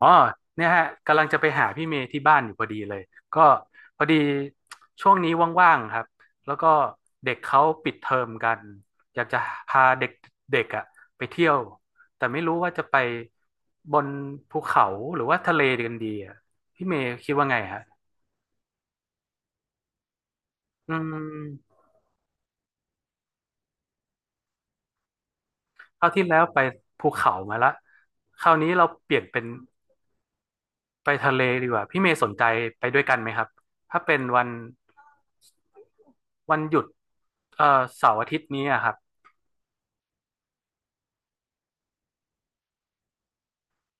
อ๋อเนี่ยฮะกำลังจะไปหาพี่เมย์ที่บ้านอยู่พอดีเลยก็พอดีช่วงนี้ว่างๆครับแล้วก็เด็กเขาปิดเทอมกันอยากจะพาเด็กเด็กอะไปเที่ยวแต่ไม่รู้ว่าจะไปบนภูเขาหรือว่าทะเลกันดีอะพี่เมย์คิดว่าไงฮะอืมคราวที่แล้วไปภูเขามาละคราวนี้เราเปลี่ยนเป็นไปทะเลดีกว่าพี่เมย์สนใจไปด้วยกันไหมครับถ้าเป็นวันหยุดเอ่อเสาร์อาทิตย์นี้อะครับ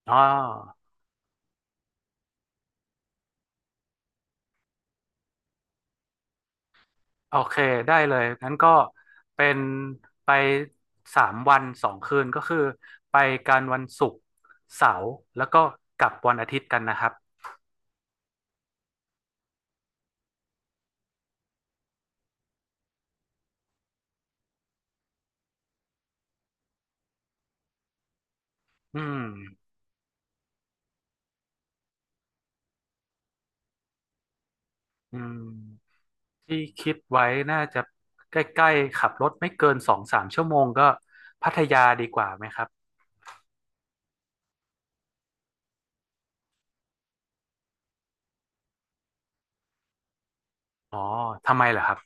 อ๋อโอเคได้เลย งั้นก็เป็นไปสามวันสองคืนก็คือไปกันวันศุกร์เสาร์แล้วก็กลับวันอาทิตย์กันนะครับอืมอืมที่คิดไว้น่าจะใกล้ๆขับรถไม่เกินสองสามชั่วโมงก็พัทยาดีกว่าไหมครับอ๋อทำไมเหรอครับ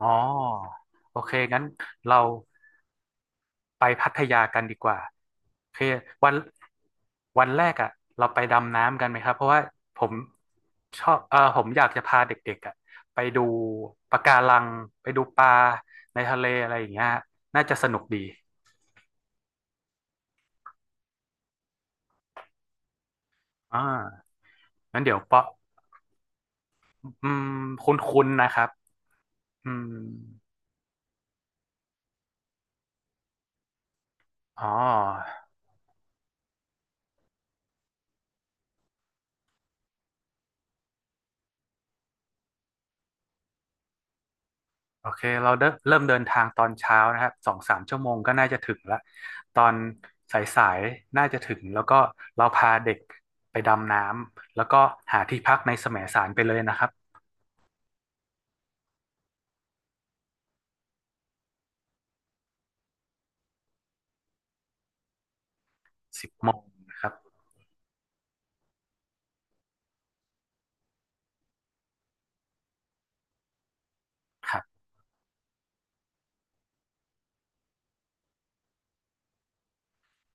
อ๋อโอเค งั้นเรา ไปพัทยากันดีกว่าโอเควันวันแรกอ่ะเราไปดำน้ำกันไหมครับเพราะว่าผมชอบเออผมอยากจะพาเด็กๆอ่ะไปดูปะการังไปดูปลาในทะเลอะไรอย่างเงี้ยน่าจะสนุกดีอ่างั้นเดี๋ยวเปาะอืมคุ้นๆนะครับอืมอ๋อ โอเคเราเริ่มเดินทางตอนเช้านะครับสองสามชั่วโมงก็น่าจะถึงละตอนสายๆน่าจะถึงแล้วก็เราพาเด็กไปดำน้ำแล้วก็หาที่พักในแสมสารไปเลยนะครับสิบโมงนะครับครับ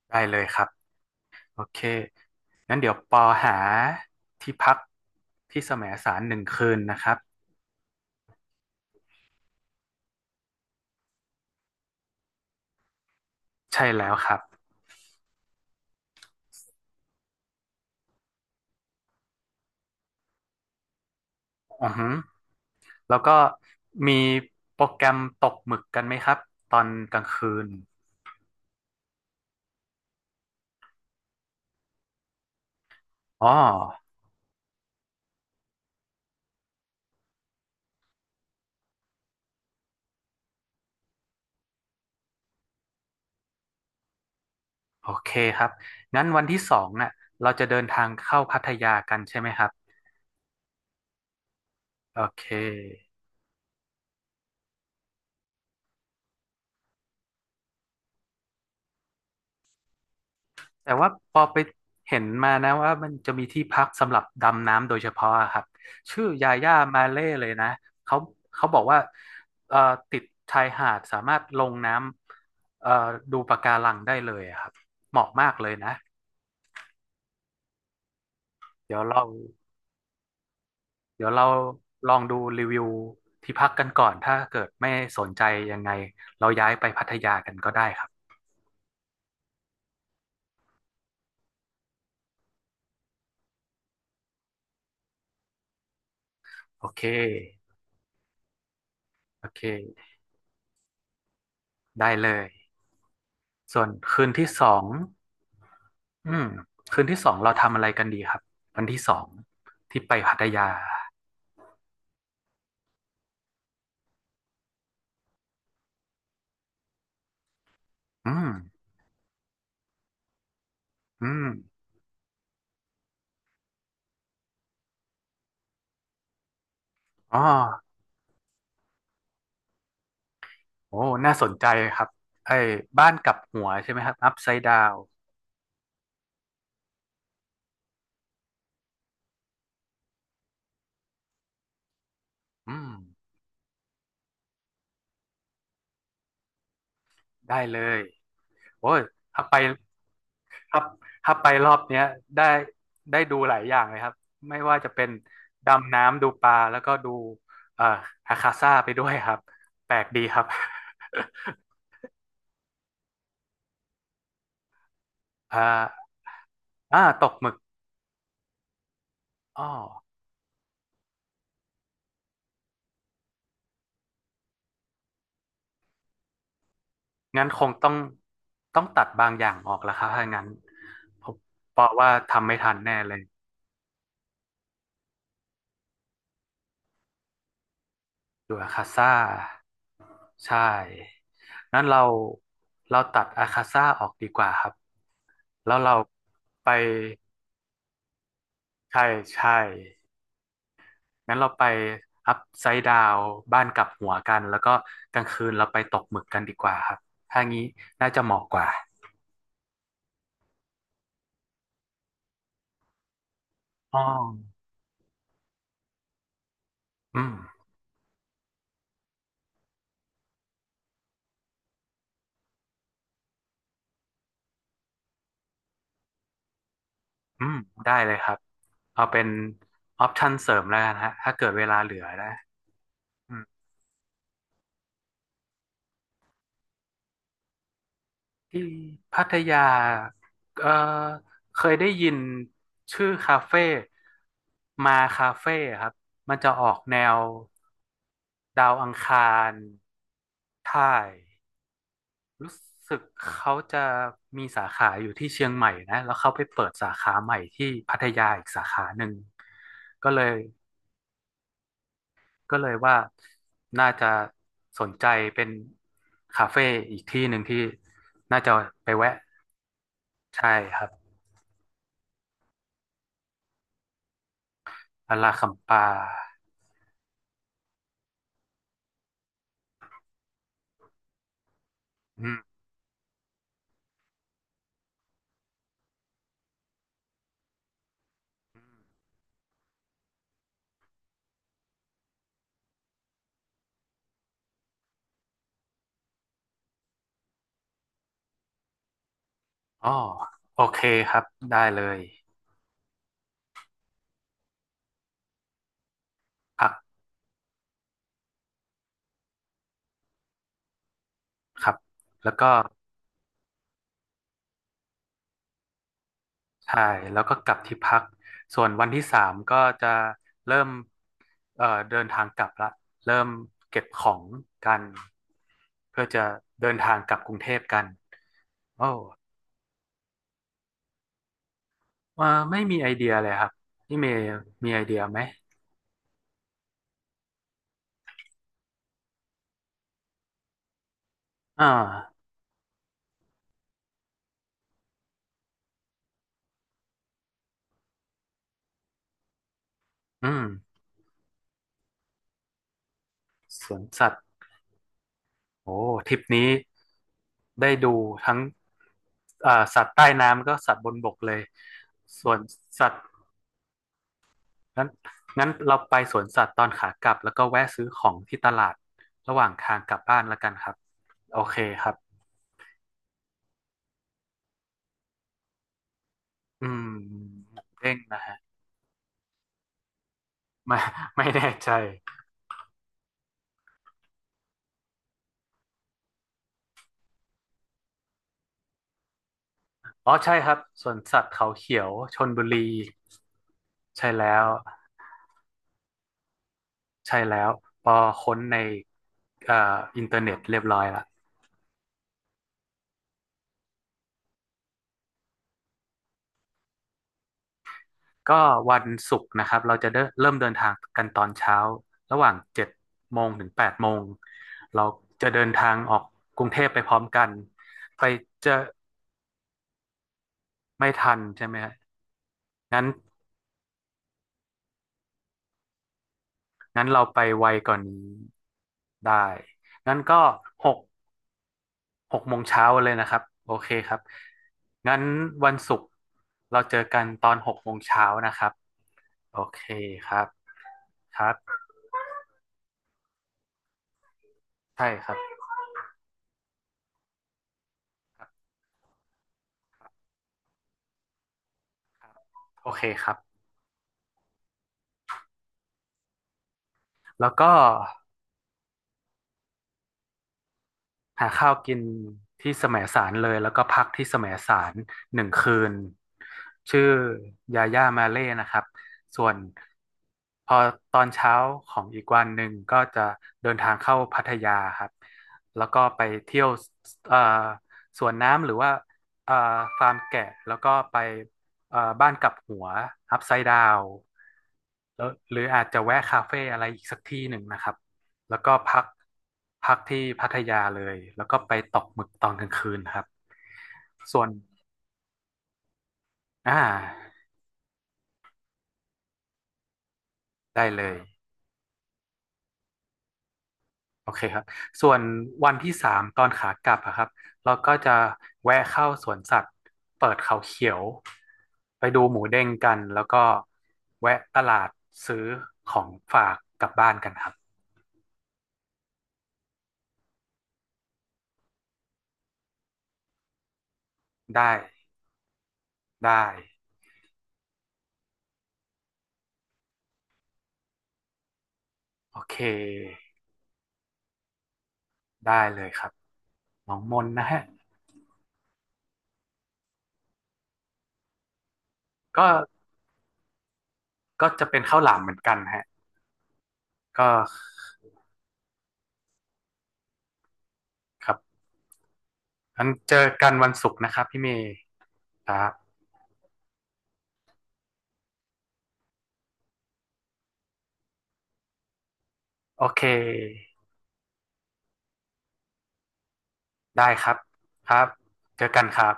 ได้เลยครับโอเคงั้นเดี๋ยวปอหาที่พักที่แสมสารหนึ่งคืนนะครับใช่แล้วครับอือฮึแล้วก็มีโปรแกรมตกหมึกกันไหมครับตอนกลางคืนอ๋อ โอเคครับงั้นวันที่สองน่ะเราจะเดินทางเข้าพัทยากันใช่ไหมครับโอเคแต่ว่าพอไปเห็นมานะว่ามันจะมีที่พักสำหรับดำน้ำโดยเฉพาะอะครับชื่อยาย่ามาเล่เลยนะเขาเขาบอกว่าเอ่อติดชายหาดสามารถลงน้ำดูปะการังได้เลยอะครับ เหมาะมากเลยนะ เดี๋ยวเราเดี๋ยวเราลองดูรีวิวที่พักกันก่อนถ้าเกิดไม่สนใจยังไงเราย้ายไปพัทยากันก็ได้ครับ โอเค โอเค ได้เลย ส่วนคืนที่สองอืมคืนที่สองเราทำอะไรกันดีครับวันที่สองที่ไปพัทยา อืม อืม อ๋อโอ้น่าสนใจครับไอ้บ้านกลับหัวใช่ไหมครับอัพไซด์ดาวอืมได้เลยโอ้ยถ้าไปถ้าถ้าไปรอบเนี้ยได้ได้ดูหลายอย่างเลยครับไม่ว่าจะเป็นดำน้ำดูปลาแล้วก็ดูเอ่ออาคาซ่าไปด้วยครับแปลกดีครับ อ่าอ่าตกหมึกอ๋องั้นคงต้องตัดบางอย่างออกแล้วครับถ้างั้นผมเพราะว่าทำไม่ทันแน่เลยดูอาคาซ่าใช่นั้นเราตัดอาคาซ่าออกดีกว่าครับแล้วเราไปใช่ใช่งั้นเราไปอัพไซด์ดาวบ้านกลับหัวกันแล้วก็กลางคืนเราไปตกหมึกกันดีกว่าครับถ้างี้น่าจะเหมาะกว่าอ๋ออืมอืมได้เลยครับ เอาเป็นออปชันเสริมแล้วกันฮะถ้าเกิดเวลาเหลือนะอืมที่พัทยาเอ่อเคยได้ยินชื่อคาเฟ่มาคาเฟ่ครับ มันจะออกแนวดาวอังคารไทยรู้สึกเขาจะมีสาขาอยู่ที่เชียงใหม่นะ แล้วเขาไปเปิดสาขาใหม่ที่พัทยาอีกสาขาหนึ่ง ก็เลย ก็เลยว่าน่าจะสนใจเป็นคาเฟ่อีกที่หนึ่งที่น่าจะไปแวะใช่ครับอาราคัมปาอืมอ๋อโอเคครับได้เลยพักครับแล้วก็ใช่แล้วก็กลับที่พักส่วนวันที่สามก็จะเริ่มเดินทางกลับละเริ่มเก็บของกันเพื่อจะเดินทางกลับกรุงเทพกันโอ้ ว่าไม่มีไอเดียเลยครับพี่เมย์มีไอเดียไหมอ่าอืมสวนสัตว์โอ้ทริปนี้ได้ดูทั้งสัตว์ใต้น้ำก็สัตว์บนบกเลยส่วนสัตว์งั้นงั้นเราไปสวนสัตว์ตอนขากลับแล้วก็แวะซื้อของที่ตลาดระหว่างทางกลับบ้านแล้วกันครับโอเคครับอืมเด้งนะฮะไม่ไม่แน่ใจอ๋อใช่ครับสวนสัตว์เขาเขียวชลบุรีใช่แล้ว ใช่แล้วพอค้นในเอ่ออินเทอร์เน็ตเรียบร้อยละก็วันศุกร์นะครับเราจะเริ่มเดินทางกันตอนเช้าระหว่างเจ็ดโมงถึงแปดโมงเราจะเดินทางออกกรุงเทพไปพร้อมกันไปเจะไม่ทันใช่ไหมฮะงั้นงั้นเราไปไวกว่อนนี้ได้งั้นก็หกหกโมงเช้าเลยนะครับโอเคครับงั้นวันศุกร์เราเจอกันตอนหกโมงเช้านะครับโอเคครับครับ ใช่ครับ โอเคครับ แล้วก็ หาข้าวกินที่แสมสารเลยแล้วก็พักที่แสมสารหนึ่งคืนชื่อยาย่ามาเล่นะครับส่วนพอตอนเช้าของอีกวันหนึ่งก็จะเดินทางเข้าพัทยาครับแล้วก็ไปเที่ยวเอ่อสวนน้ำหรือว่าเอ่อฟาร์มแกะแล้วก็ไปบ้านกลับหัวอัพไซด์ดาวแล้วหรืออาจจะแวะคาเฟ่อะไรอีกสักที่หนึ่งนะครับ แล้วก็พักที่พัทยาเลยแล้วก็ไปตกหมึกตอนกลางคืนครับส่วนอ่าได้เลยโอเคครับส่วนวันที่สามตอนขากลับอะครับเราก็จะแวะเข้าสวนสัตว์เปิดเขาเขียวไปดูหมูเด้งกันแล้วก็แวะตลาดซื้อของฝากกลับบ้านกันครับได้ได้โอเคได้เลยครับน้องมนนะฮะก็ก็จะเป็นข้าวหลามเหมือนกันฮะก็ครับ งั้นเจอกันวันศุกร์นะครับพี่เมย์ครับโอเคได้ครับครับเจอกันครับ